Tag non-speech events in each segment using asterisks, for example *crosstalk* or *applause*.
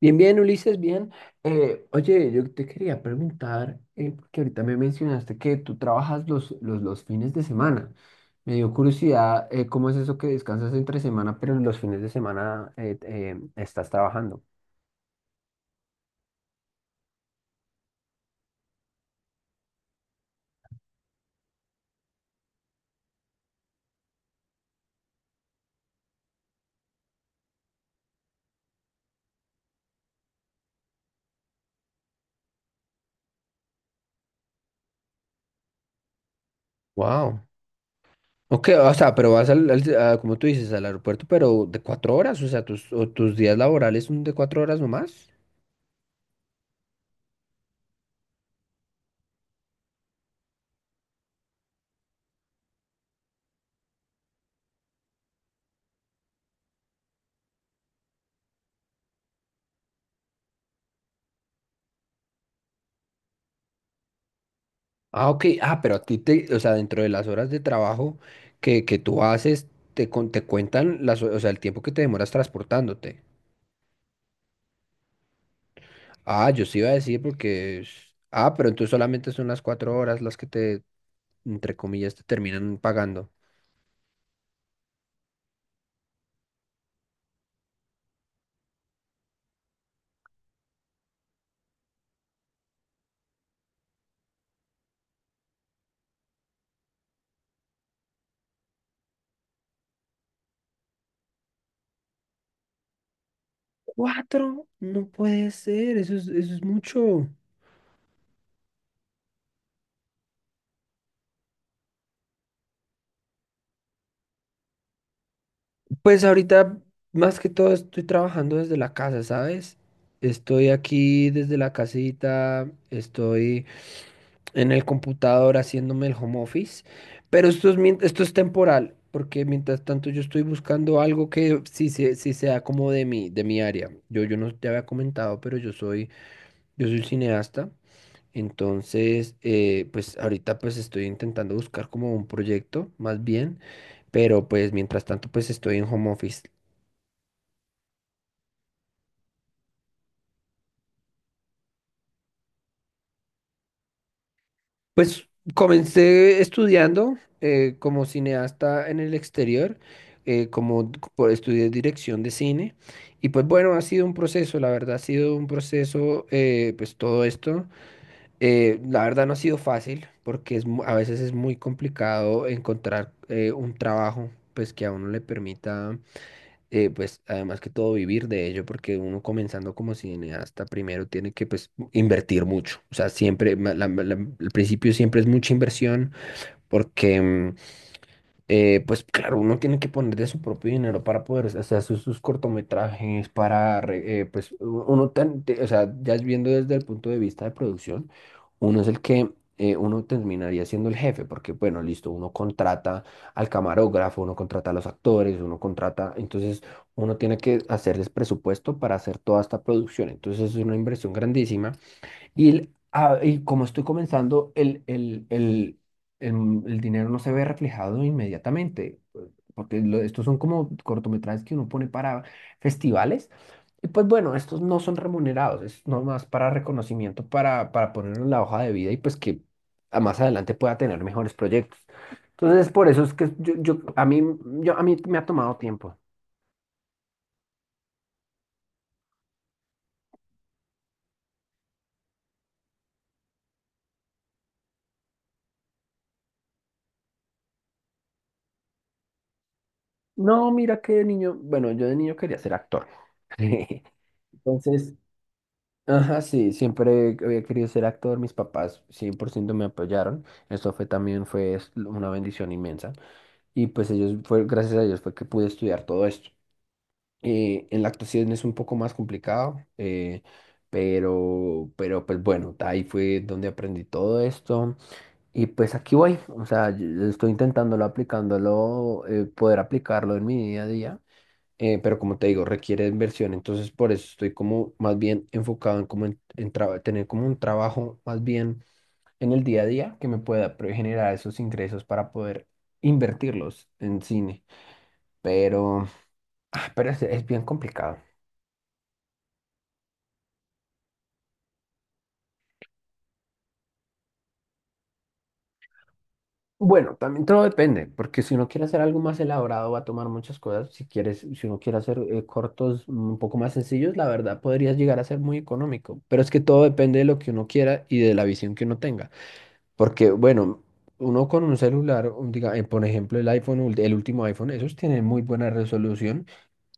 Bien, bien, Ulises, bien. Oye, yo te quería preguntar, porque ahorita me mencionaste que tú trabajas los fines de semana. Me dio curiosidad, ¿cómo es eso que descansas entre semana, pero los fines de semana estás trabajando? Wow. Ok, o sea, pero vas a, como tú dices, al aeropuerto, pero de 4 horas, o sea, tus días laborales son de 4 horas nomás. Ah, ok. Ah, pero a ti te, o sea, dentro de las horas de trabajo que tú haces, te cuentan las, o sea, el tiempo que te demoras transportándote. Ah, yo sí iba a decir porque, pero entonces solamente son las 4 horas las que te, entre comillas, te terminan pagando. Cuatro, no puede ser, eso es mucho. Pues ahorita, más que todo, estoy trabajando desde la casa, ¿sabes? Estoy aquí desde la casita, estoy en el computador haciéndome el home office, pero esto es temporal, porque mientras tanto yo estoy buscando algo que sí sea como de mi área. Yo no te había comentado, pero yo soy cineasta, entonces pues ahorita pues estoy intentando buscar como un proyecto más bien, pero pues mientras tanto pues estoy en home office. Pues comencé estudiando como cineasta en el exterior, estudié dirección de cine y pues bueno, ha sido un proceso, la verdad ha sido un proceso, pues todo esto. La verdad no ha sido fácil porque a veces es muy complicado encontrar un trabajo pues que a uno le permita, pues además que todo, vivir de ello, porque uno comenzando como cineasta primero tiene que pues invertir mucho, o sea, siempre, el principio siempre es mucha inversión, porque pues claro, uno tiene que poner de su propio dinero para poder hacer sus cortometrajes, para, uno, o sea, ya viendo desde el punto de vista de producción, uno es el que, uno terminaría siendo el jefe, porque bueno, listo, uno contrata al camarógrafo, uno contrata a los actores, uno contrata, entonces uno tiene que hacerles presupuesto para hacer toda esta producción, entonces es una inversión grandísima y como estoy comenzando, el dinero no se ve reflejado inmediatamente, pues, porque estos son como cortometrajes que uno pone para festivales. Y pues bueno, estos no son remunerados, es nomás para reconocimiento, para ponerlo en la hoja de vida y pues que a más adelante pueda tener mejores proyectos. Entonces, por eso es que a mí me ha tomado tiempo. No, mira que de niño, bueno, yo de niño quería ser actor. *laughs* Entonces, ajá, sí, siempre había querido ser actor, mis papás 100% me apoyaron, eso fue también fue una bendición inmensa y pues ellos fue gracias a ellos fue que pude estudiar todo esto. En la actuación es un poco más complicado, pero pues bueno, ahí fue donde aprendí todo esto y pues aquí voy, o sea, yo estoy intentándolo, aplicándolo, poder aplicarlo en mi día a día, pero como te digo, requiere inversión, entonces por eso estoy como más bien enfocado en tener como un trabajo más bien en el día a día que me pueda generar esos ingresos para poder invertirlos en cine, pero, pero es bien complicado. Bueno, también todo depende, porque si uno quiere hacer algo más elaborado va a tomar muchas cosas. Si uno quiere hacer cortos, un poco más sencillos, la verdad podría llegar a ser muy económico, pero es que todo depende de lo que uno quiera y de la visión que uno tenga. Porque, bueno, uno con un celular, diga, por ejemplo, el iPhone, el último iPhone, esos tienen muy buena resolución.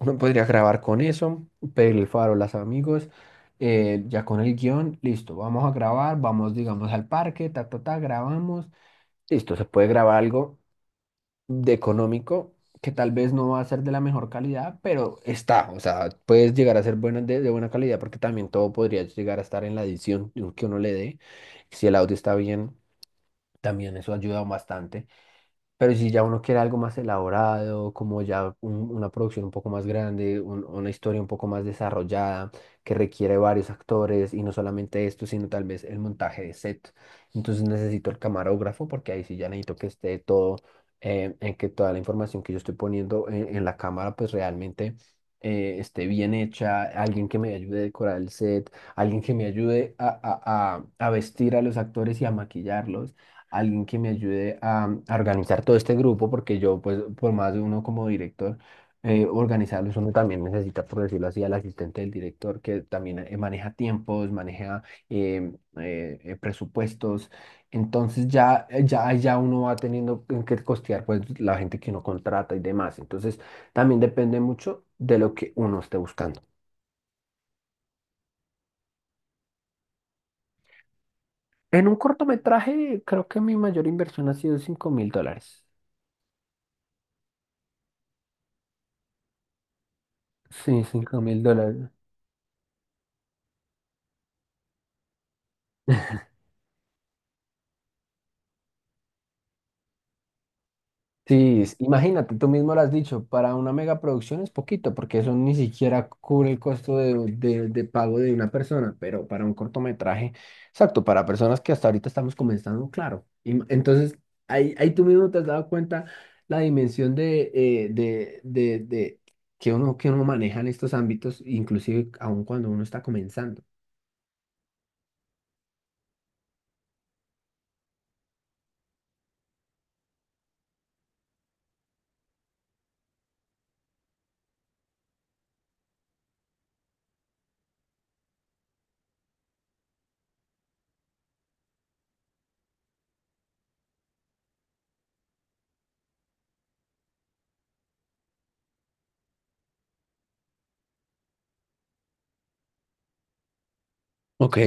Uno podría grabar con eso, pedir el farol a los amigos, ya con el guión, listo, vamos a grabar, vamos, digamos, al parque, ta, ta, ta, grabamos. Listo, se puede grabar algo de económico que tal vez no va a ser de la mejor calidad, pero está, o sea, puedes llegar a ser buena, de, buena calidad porque también todo podría llegar a estar en la edición que uno le dé, si el audio está bien. También eso ayuda bastante. Pero si ya uno quiere algo más elaborado, como ya una producción un poco más grande, una historia un poco más desarrollada, que requiere varios actores y no solamente esto, sino tal vez el montaje de set. Entonces necesito el camarógrafo porque ahí sí ya necesito que esté todo, en que toda la información que yo estoy poniendo en la cámara pues realmente esté bien hecha, alguien que me ayude a decorar el set, alguien que me ayude a vestir a los actores y a maquillarlos, alguien que me ayude a, organizar todo este grupo, porque yo, pues, por más de uno como director, organizarlos, uno también necesita, por decirlo así, al asistente del director, que también maneja tiempos, maneja eh, presupuestos. Entonces ya, ya uno va teniendo en que costear, pues, la gente que uno contrata y demás. Entonces también depende mucho de lo que uno esté buscando. En un cortometraje, creo que mi mayor inversión ha sido $5.000. Sí, $5.000. Sí, imagínate, tú mismo lo has dicho, para una megaproducción es poquito, porque eso ni siquiera cubre el costo de, pago de una persona, pero para un cortometraje, exacto, para personas que hasta ahorita estamos comenzando, claro. Y entonces, ahí tú mismo te has dado cuenta la dimensión de que uno maneja en estos ámbitos, inclusive aun cuando uno está comenzando. Ok.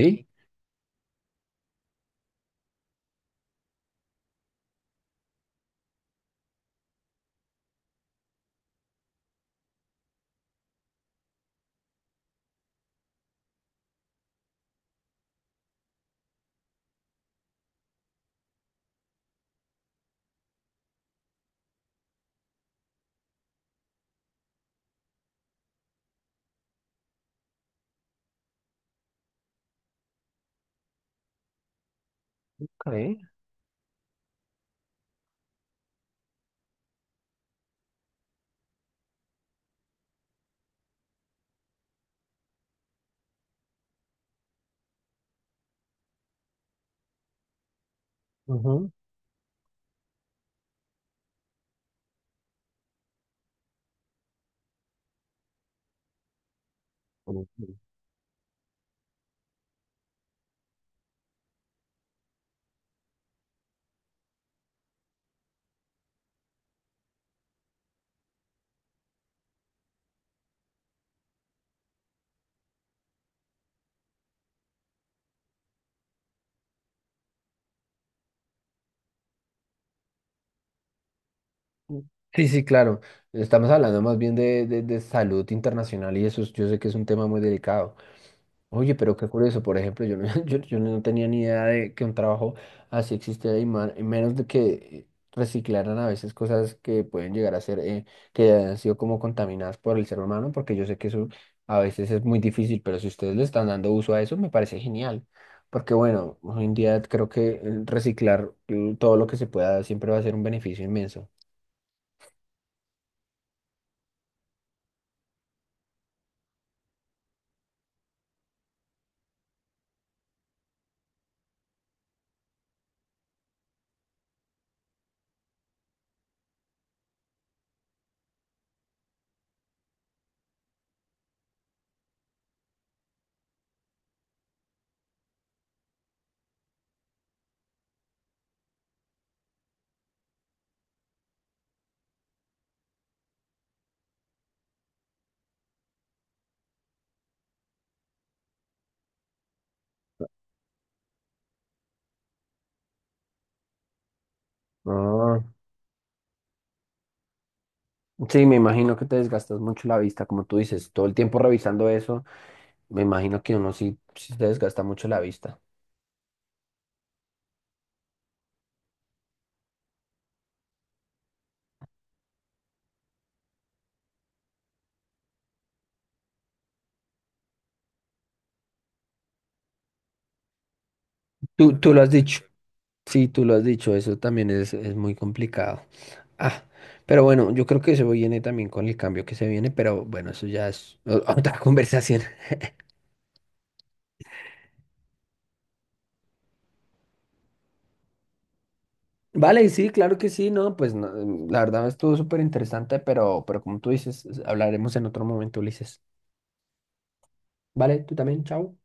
Ok. Ujú. Sí, sí, claro. Estamos hablando más bien de salud internacional y eso yo sé que es un tema muy delicado. Oye, pero qué curioso, por ejemplo, yo no, *laughs* yo no tenía ni idea de que un trabajo así existía y menos de que reciclaran a veces cosas que pueden llegar a ser, que han sido como contaminadas por el ser humano, porque yo sé que eso a veces es muy difícil, pero si ustedes le están dando uso a eso, me parece genial. Porque bueno, hoy en día creo que reciclar, todo lo que se pueda siempre va a ser un beneficio inmenso. Ah, sí, me imagino que te desgastas mucho la vista, como tú dices, todo el tiempo revisando eso, me imagino que uno sí, sí se desgasta mucho la vista. Tú lo has dicho, sí, tú lo has dicho, eso también es muy complicado. Ah, pero bueno, yo creo que eso viene también con el cambio que se viene, pero bueno, eso ya es otra *laughs* conversación. Vale, sí, claro que sí, no, pues no, la verdad estuvo súper interesante, pero como tú dices, hablaremos en otro momento, Ulises. Vale, tú también, chao.